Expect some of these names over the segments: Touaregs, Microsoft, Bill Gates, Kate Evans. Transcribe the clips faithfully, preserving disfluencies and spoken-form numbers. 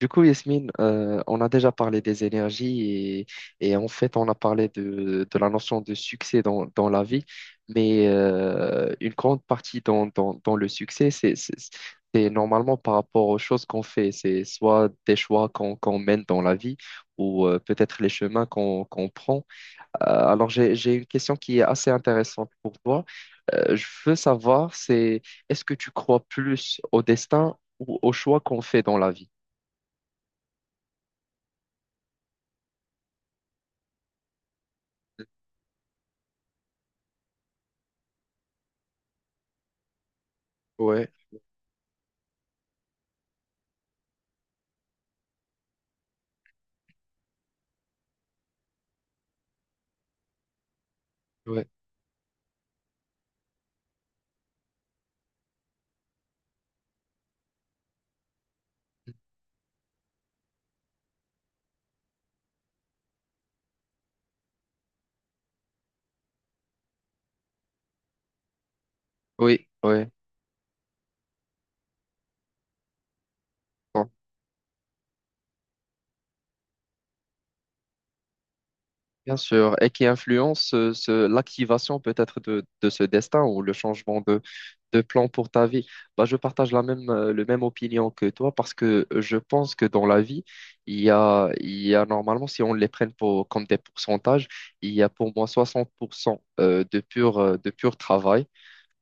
Du coup, Yasmine, euh, on a déjà parlé des énergies et, et en fait, on a parlé de, de la notion de succès dans, dans la vie, mais euh, une grande partie dans, dans, dans le succès, c'est, c'est, c'est normalement par rapport aux choses qu'on fait. C'est soit des choix qu'on qu'on mène dans la vie ou euh, peut-être les chemins qu'on qu'on prend. Euh, alors, j'ai, j'ai une question qui est assez intéressante pour toi. Euh, je veux savoir, c'est est-ce que tu crois plus au destin ou aux choix qu'on fait dans la vie? Ouais. Oui, oui, bon, bien sûr, et qui influence euh, ce, l'activation peut-être de, de ce destin ou le changement de, de plan pour ta vie. Bah, je partage la même, euh, le même opinion que toi parce que euh, je pense que dans la vie, il y a, il y a normalement, si on les prenne pour, comme des pourcentages, il y a pour moi soixante pour cent euh, de pur, euh, de pur travail.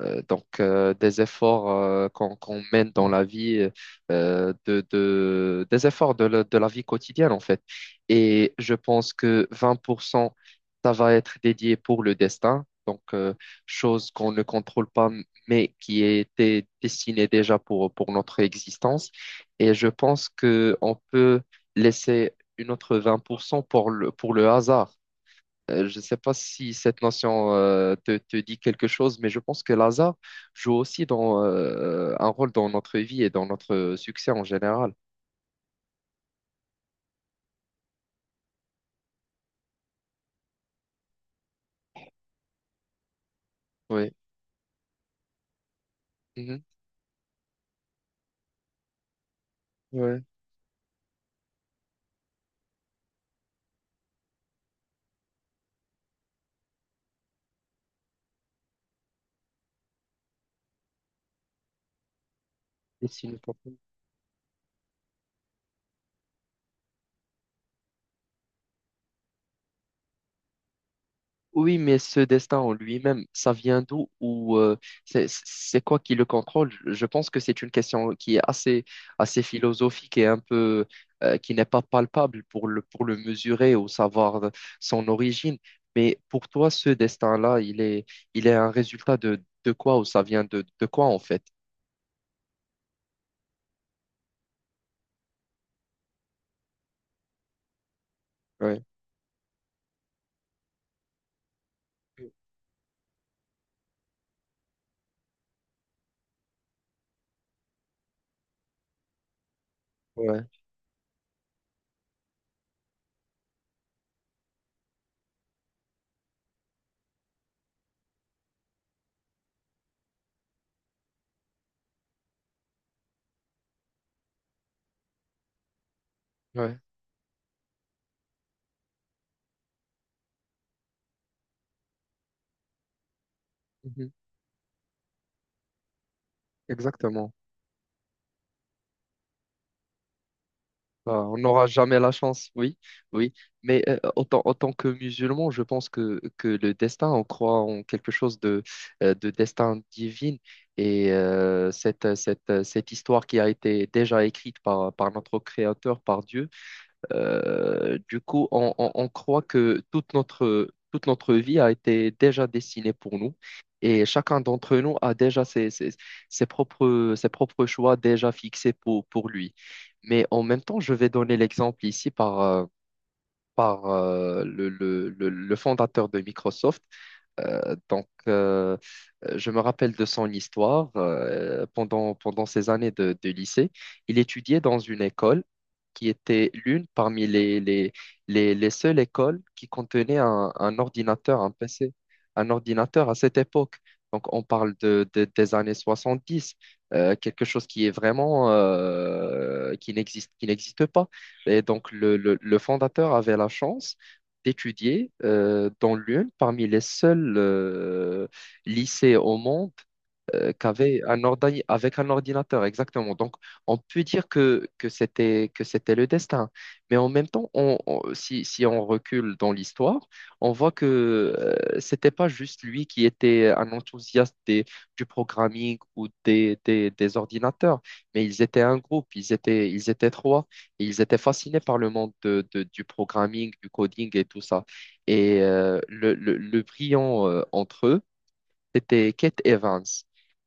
Euh, donc, euh, des efforts euh, qu'on qu'on mène dans la vie, euh, de, de- des efforts de, la de la vie quotidienne, en fait. Et je pense que vingt pour cent, ça va être dédié pour le destin, donc euh, chose qu'on ne contrôle pas, mais qui était destinée déjà pour, pour notre existence. Et je pense que on peut laisser une autre vingt pour cent pour cent pour le, pour le hasard. Euh, Je ne sais pas si cette notion euh, te, te dit quelque chose, mais je pense que l'hasard joue aussi dans, euh, un rôle dans notre vie et dans notre succès en général. Oui. Mhm. Ouais. Et sinon, oui, mais ce destin en lui-même, ça vient d'où ou euh, c'est c'est quoi qui le contrôle? Je je pense que c'est une question qui est assez, assez philosophique et un peu euh, qui n'est pas palpable pour le, pour le mesurer ou savoir son origine. Mais pour toi, ce destin-là, il est, il est un résultat de, de quoi ou ça vient de, de quoi en fait? Ouais, ouais, ouais. Mhm. Exactement. Bah, on n'aura jamais la chance, oui, oui. Mais euh, autant, autant que musulman, je pense que, que le destin, on croit en quelque chose de, euh, de destin divin. Et euh, cette, cette, cette histoire qui a été déjà écrite par, par notre Créateur, par Dieu, euh, du coup, on, on- on croit que toute notre, toute notre vie a été déjà destinée pour nous et chacun d'entre nous a déjà ses, ses- ses propres, ses propres choix déjà fixés pour, pour lui. Mais en même temps, je vais donner l'exemple ici par, euh, par euh, le, le- le- le fondateur de Microsoft. Euh, donc, euh, je me rappelle de son histoire. Euh, pendant, pendant ses années de, de lycée, il étudiait dans une école qui était l'une parmi les, les, les, les seules écoles qui contenait un, un ordinateur, un P C, un ordinateur à cette époque. Donc, on parle de, de- des années soixante-dix, euh, quelque chose qui est vraiment, euh, qui n'existe, qui n'existe pas. Et donc, le, le, le fondateur avait la chance d'étudier euh, dans l'une parmi les seuls euh, lycées au monde euh, qu'avait un ordi avec un ordinateur, exactement. Donc, on peut dire que, que c'était, que c'était le destin. Mais en même temps, on- on- si, si on recule dans l'histoire, on voit que euh, c'était pas juste lui qui était un enthousiaste des- du programming ou des, des, des ordinateurs, mais ils étaient un groupe, ils étaient, ils étaient trois, et ils étaient fascinés par le monde de- de- du programming, du coding et tout ça. Et euh, le, le, le brillant euh, entre eux, c'était Kate Evans.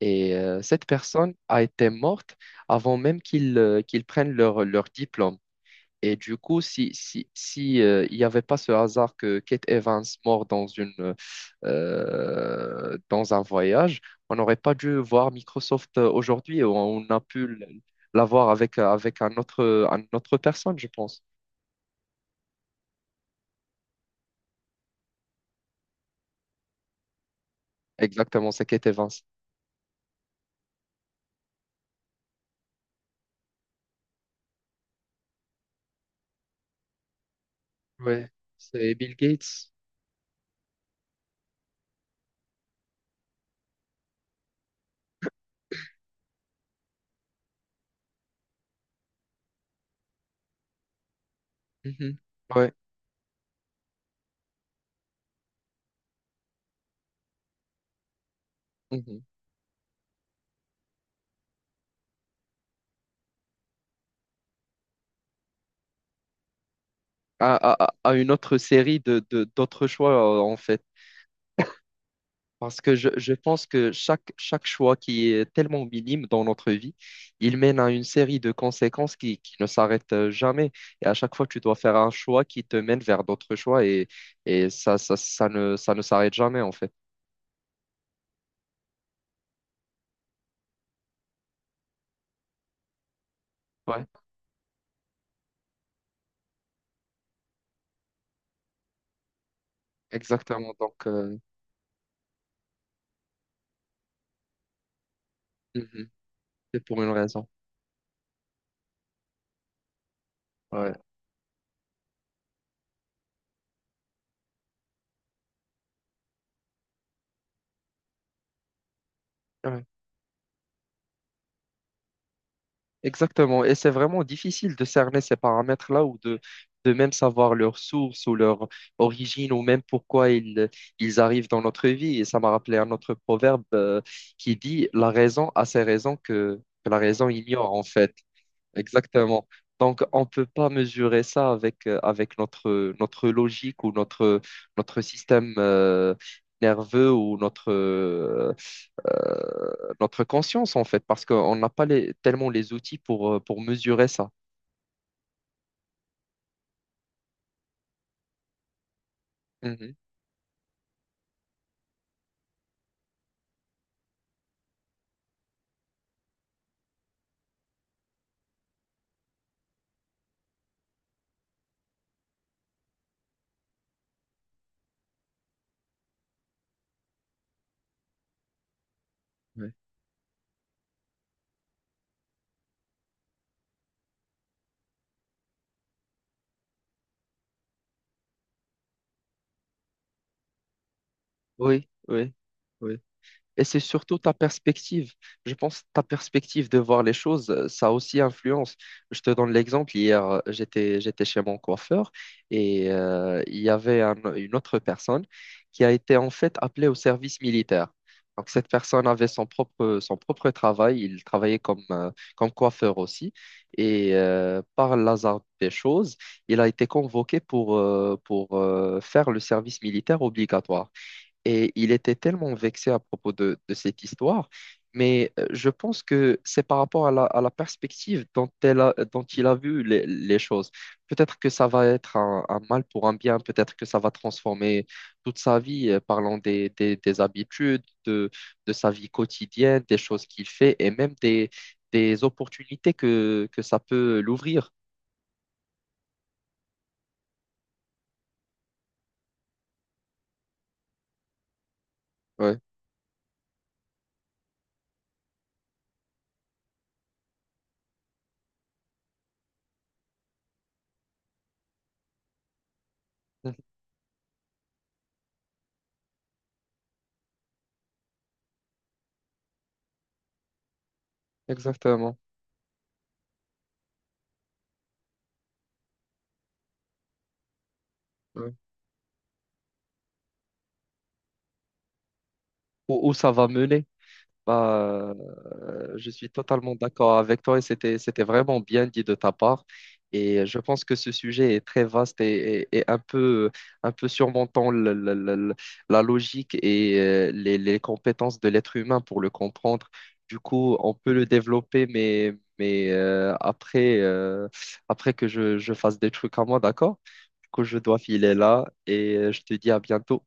Et euh, cette personne a été morte avant même qu'ils euh, qu'ils prennent leur, leur diplôme. Et du coup, si, si, si, euh, il n'y avait pas ce hasard que Kate Evans mort dans une, euh, dans un voyage, on n'aurait pas dû voir Microsoft euh, aujourd'hui. On a pu l- l'avoir avec, euh, avec un autre, un autre personne, je pense. Exactement, c'est Kate Evans. Ouais, c'est Bill Gates. Mhm. Ouais. Mhm. À, à- à une autre série de, de- d'autres choix, euh, en fait. Parce que je, je pense que chaque, chaque choix qui est tellement minime dans notre vie, il mène à une série de conséquences qui, qui ne s'arrêtent euh, jamais. Et à chaque fois, tu dois faire un choix qui te mène vers d'autres choix et, et ça, ça, ça ne, ça ne s'arrête jamais, en fait. Ouais, exactement. Donc, euh, mhm, c'est pour une raison. Ouais. Ouais. Exactement, et c'est vraiment difficile de cerner ces paramètres-là ou de, de même savoir leur source ou leur origine ou même pourquoi ils, ils arrivent dans notre vie. Et ça m'a rappelé un autre proverbe euh, qui dit la raison a ses raisons que, que la raison ignore en fait. Exactement. Donc on ne peut pas mesurer ça avec, euh, avec notre, notre logique ou notre, notre système euh, nerveux ou notre, euh, notre conscience, en fait, parce qu'on n'a pas les- tellement les outils pour, euh, pour mesurer ça. Mhm. Ouais. Oui, oui. Oui. Et c'est surtout ta perspective. Je pense que ta perspective de voir les choses, euh, ça aussi influence. Je te donne l'exemple. Hier, euh, j'étais, j'étais chez mon coiffeur et euh, il y avait un- une autre personne qui a été en fait appelée au service militaire. Donc cette personne avait son propre, son propre travail. Il travaillait comme, euh, comme coiffeur aussi. Et euh, par l'hasard des choses, il a été convoqué pour, euh, pour euh, faire le service militaire obligatoire. Et il était tellement vexé à propos de, de cette histoire, mais euh, je pense que c'est par rapport à la, à la perspective dont, elle a- dont il a vu les, les choses. Peut-être que ça va être un, un mal pour un bien, peut-être que ça va transformer toute sa vie, euh, parlant des, des- des habitudes, de, de sa vie quotidienne, des choses qu'il fait et même des, des opportunités que, que ça peut l'ouvrir. Ouais, exactement. Ouais. Où, où ça va mener. Bah, euh, je suis totalement d'accord avec toi et c'était, c'était vraiment bien dit de ta part. Et euh, je pense que ce sujet est très vaste et, et- et un peu, un peu surmontant le- le- le- le- la logique et euh, les, les compétences de l'être humain pour le comprendre. Du coup, on peut le développer, mais, mais euh, après, euh, après que je, je fasse des trucs à moi, d'accord? Du coup, je dois filer là et euh, je te dis à bientôt.